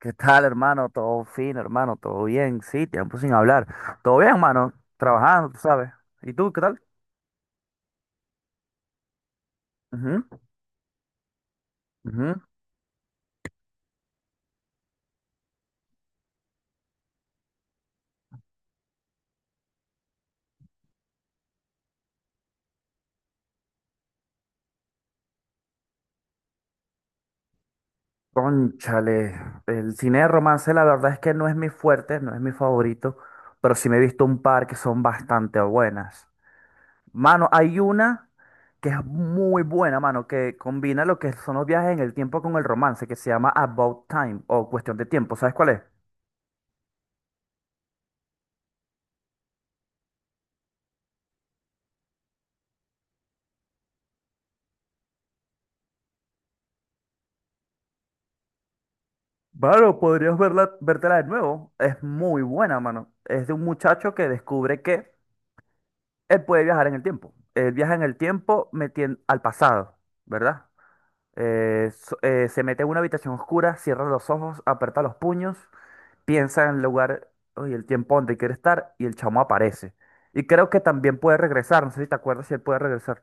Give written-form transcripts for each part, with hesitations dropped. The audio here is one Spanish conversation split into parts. ¿Qué tal, hermano? Todo fino, hermano. Todo bien. Sí, tiempo sin hablar. Todo bien, hermano. Trabajando, tú sabes. ¿Y tú, qué tal? Ujú, ujú. Cónchale, el cine de romance la verdad es que no es mi fuerte, no es mi favorito, pero sí me he visto un par que son bastante buenas. Mano, hay una que es muy buena, mano, que combina lo que son los viajes en el tiempo con el romance, que se llama About Time o Cuestión de Tiempo. ¿Sabes cuál es? Claro, podrías verla, vértela de nuevo. Es muy buena, mano. Es de un muchacho que descubre que él puede viajar en el tiempo. Él viaja en el tiempo al pasado, ¿verdad? Se mete en una habitación oscura, cierra los ojos, aprieta los puños, piensa en el lugar y el tiempo donde quiere estar y el chamo aparece. Y creo que también puede regresar. No sé si te acuerdas si él puede regresar.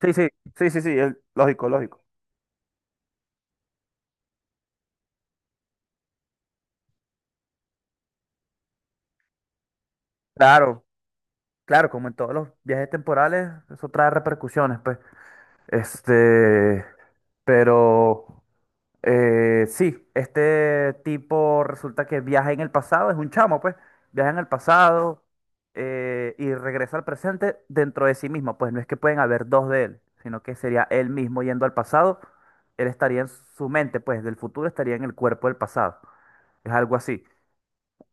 Sí, sí, sí, sí, sí, lógico, lógico. Claro, claro, como en todos los viajes temporales, eso trae repercusiones, pues. Este, pero sí, este tipo resulta que viaja en el pasado, es un chamo, pues, viaja en el pasado y regresa al presente dentro de sí mismo, pues no es que pueden haber dos de él, sino que sería él mismo yendo al pasado, él estaría en su mente, pues, del futuro estaría en el cuerpo del pasado, es algo así.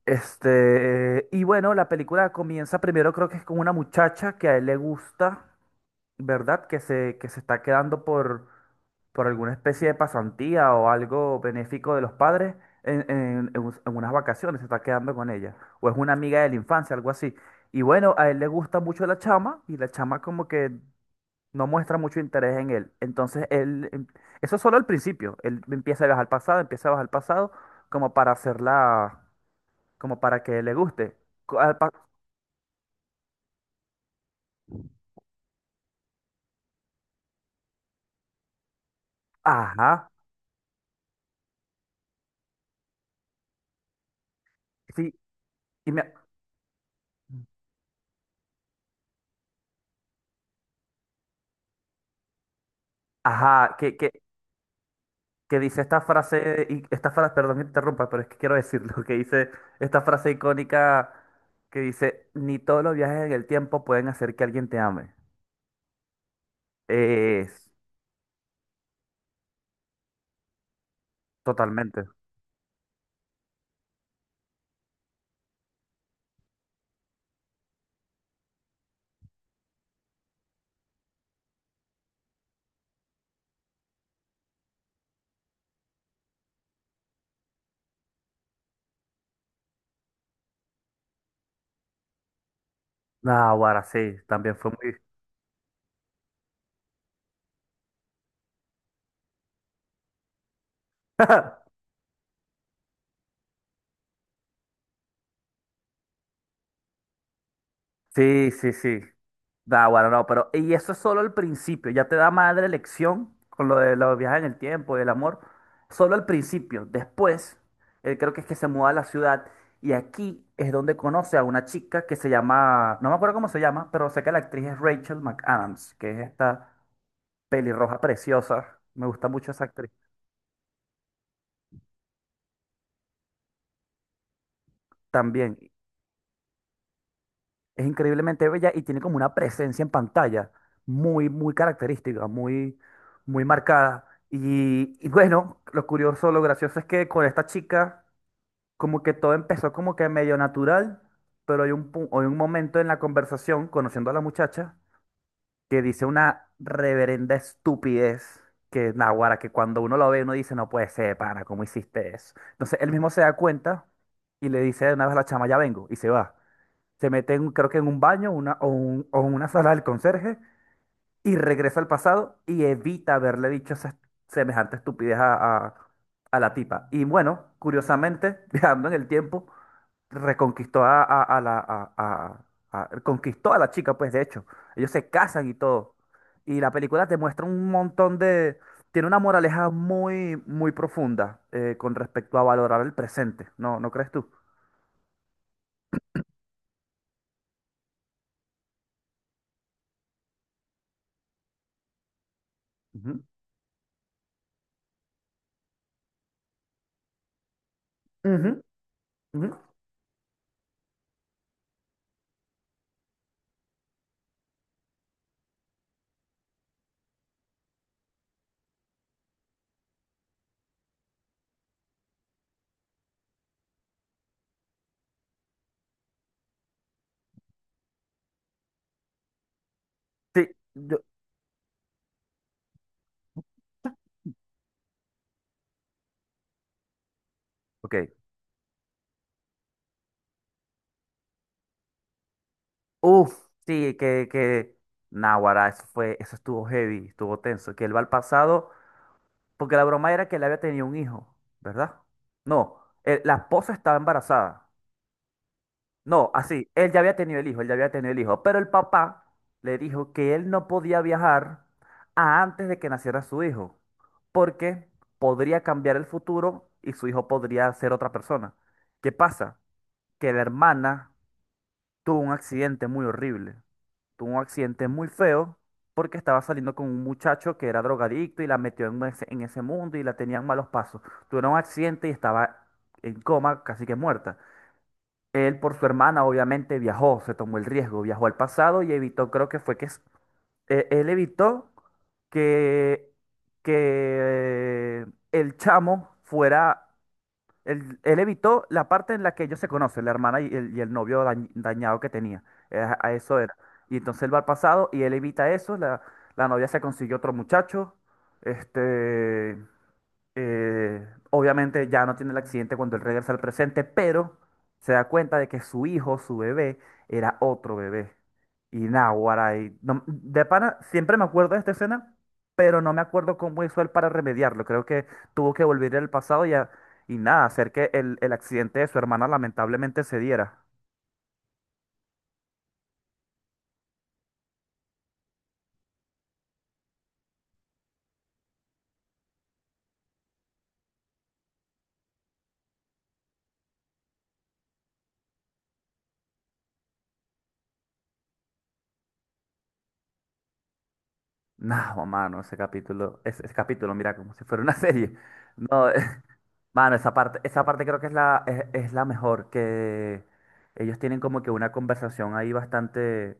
Este, y bueno, la película comienza primero creo que es con una muchacha que a él le gusta. ¿Verdad? Que se está quedando por alguna especie de pasantía o algo benéfico de los padres en unas vacaciones, se está quedando con ella. O es una amiga de la infancia, algo así. Y bueno, a él le gusta mucho la chama y la chama como que no muestra mucho interés en él. Entonces eso es solo al principio, él empieza a viajar al pasado, empieza a bajar al pasado como para hacerla, como para que le guste. Co- al pa- Ajá, sí, y me... Ajá, que dice esta frase, perdón que te interrumpa, pero es que quiero decirlo, que dice esta frase icónica que dice, ni todos los viajes en el tiempo pueden hacer que alguien te ame. Es totalmente. Ah, ahora sí, también fue muy. Sí, sí, sí. Bueno, no, pero y eso es solo el principio, ya te da madre lección con lo de los viajes en el tiempo y el amor, solo al principio, después, él creo que es que se muda a la ciudad y aquí es donde conoce a una chica que se llama, no me acuerdo cómo se llama, pero sé que la actriz es Rachel McAdams, que es esta pelirroja preciosa, me gusta mucho esa actriz también, es increíblemente bella y tiene como una presencia en pantalla muy, muy característica, muy, muy marcada. Y bueno, lo curioso, lo gracioso es que con esta chica, como que todo empezó como que medio natural, pero hay un momento en la conversación, conociendo a la muchacha, que dice una reverenda estupidez. Que naguará, que cuando uno lo ve, uno dice, no puede ser, pana, ¿cómo hiciste eso? Entonces él mismo se da cuenta y le dice de una vez a la chama, ya vengo, y se va, se mete en, creo que en un baño, o en una sala del conserje y regresa al pasado y evita haberle dicho esa semejante estupidez a la tipa. Y bueno, curiosamente, viajando en el tiempo, reconquistó a la... a- conquistó a la chica, pues de hecho. Ellos se casan y todo. Y la película te muestra un montón de. Tiene una moraleja muy, muy profunda con respecto a valorar el presente. ¿No, no crees tú? Ujú, ujú, ujú. Sí, yo- ok. Uf, sí. Náguara, eso estuvo heavy, estuvo tenso, que él va al pasado, porque la broma era que él había tenido un hijo, ¿verdad? No, la esposa estaba embarazada. No, así, él ya había tenido el hijo, él ya había tenido el hijo, pero el papá le dijo que él no podía viajar a antes de que naciera su hijo, porque podría cambiar el futuro y su hijo podría ser otra persona. ¿Qué pasa? Que la hermana tuvo un accidente muy horrible tuvo un accidente muy feo porque estaba saliendo con un muchacho que era drogadicto y la metió en ese mundo y la tenían malos pasos. Tuvieron un accidente y estaba en coma, casi que muerta. Él por su hermana obviamente viajó, se tomó el riesgo, viajó al pasado y evitó, creo que fue que él evitó que, que el chamo fuera él, él evitó la parte en la que ellos se conocen, la hermana y y el novio dañado que tenía. A eso era. Y entonces él va al pasado y él evita eso. La novia se consiguió otro muchacho. Este. Eh, Obviamente ya no tiene el accidente cuando él regresa al presente, pero se da cuenta de que su hijo, su bebé, era otro bebé. Y náguara, y de pana, siempre me acuerdo de esta escena, pero no me acuerdo cómo hizo él para remediarlo. Creo que tuvo que volver al pasado y nada, hacer que el accidente de su hermana lamentablemente se diera. No, mano, ese capítulo, ese capítulo, mira, como si fuera una serie. No, Mano, esa parte creo que es la mejor, que ellos tienen como que una conversación ahí bastante,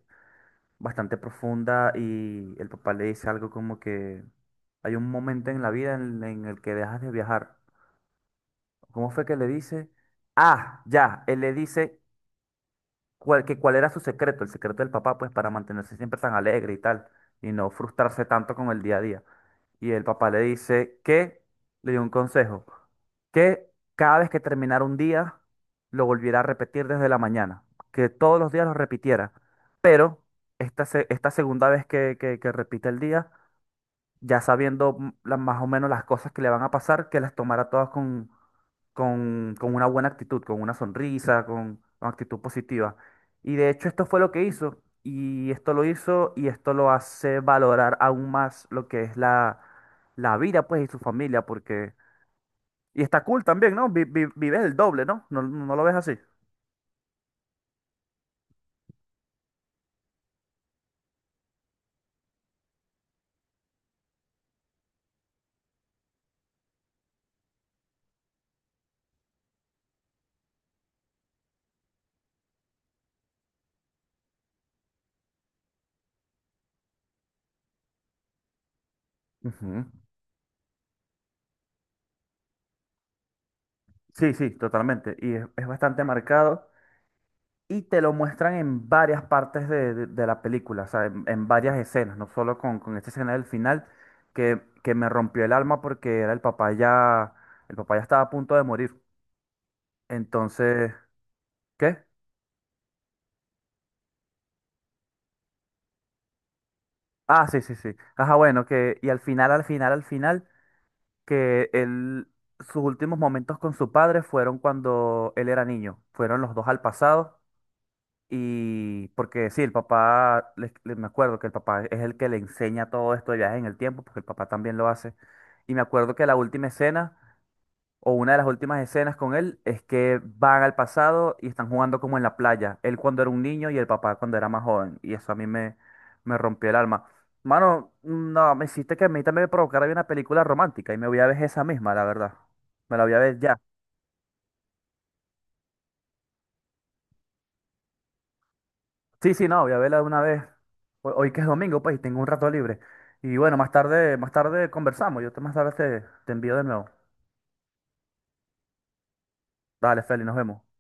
bastante profunda y el papá le dice algo como que hay un momento en la vida en el que dejas de viajar. ¿Cómo fue que le dice? Ah, ya, él le dice cuál, que cuál era su secreto, el secreto del papá, pues para mantenerse siempre tan alegre y tal, y no frustrarse tanto con el día a día. Y el papá le dice que, le dio un consejo, que cada vez que terminara un día, lo volviera a repetir desde la mañana, que todos los días lo repitiera, pero esta segunda vez que repite el día, ya sabiendo más o menos las cosas que le van a pasar, que las tomara todas con, con una buena actitud, con una sonrisa, con actitud positiva. Y de hecho esto fue lo que hizo, y esto lo hizo, y esto lo hace valorar aún más lo que es la vida, pues, y su familia, porque. Y está cool también, ¿no? Vives el doble, ¿no? ¿No, no lo ves así? Ujú. Sí, sí, totalmente. Y es bastante marcado. Y te lo muestran en varias partes de la película, o sea, en varias escenas, no solo con esta escena del final, que me rompió el alma porque era el papá ya estaba a punto de morir. Entonces, ¿qué? Ah, sí, sí, sí. Ajá, bueno, que, y al final, al final, al final, que él, sus últimos momentos con su padre fueron cuando él era niño, fueron los dos al pasado. Y porque sí, el papá, me acuerdo que el papá es el que le enseña todo esto de viajes en el tiempo, porque el papá también lo hace. Y me acuerdo que la última escena, o una de las últimas escenas con él, es que van al pasado y están jugando como en la playa. Él cuando era un niño y el papá cuando era más joven. Y eso a mí me rompió el alma. Mano, no, me hiciste que a mí también me provocara ver una película romántica y me voy a ver esa misma, la verdad. Me la voy a ver ya. Sí, sí, no, voy a verla de una vez. Hoy que es domingo, pues, y tengo un rato libre. Y bueno, más tarde conversamos. Yo te más tarde te envío de nuevo. Dale, Feli, nos vemos.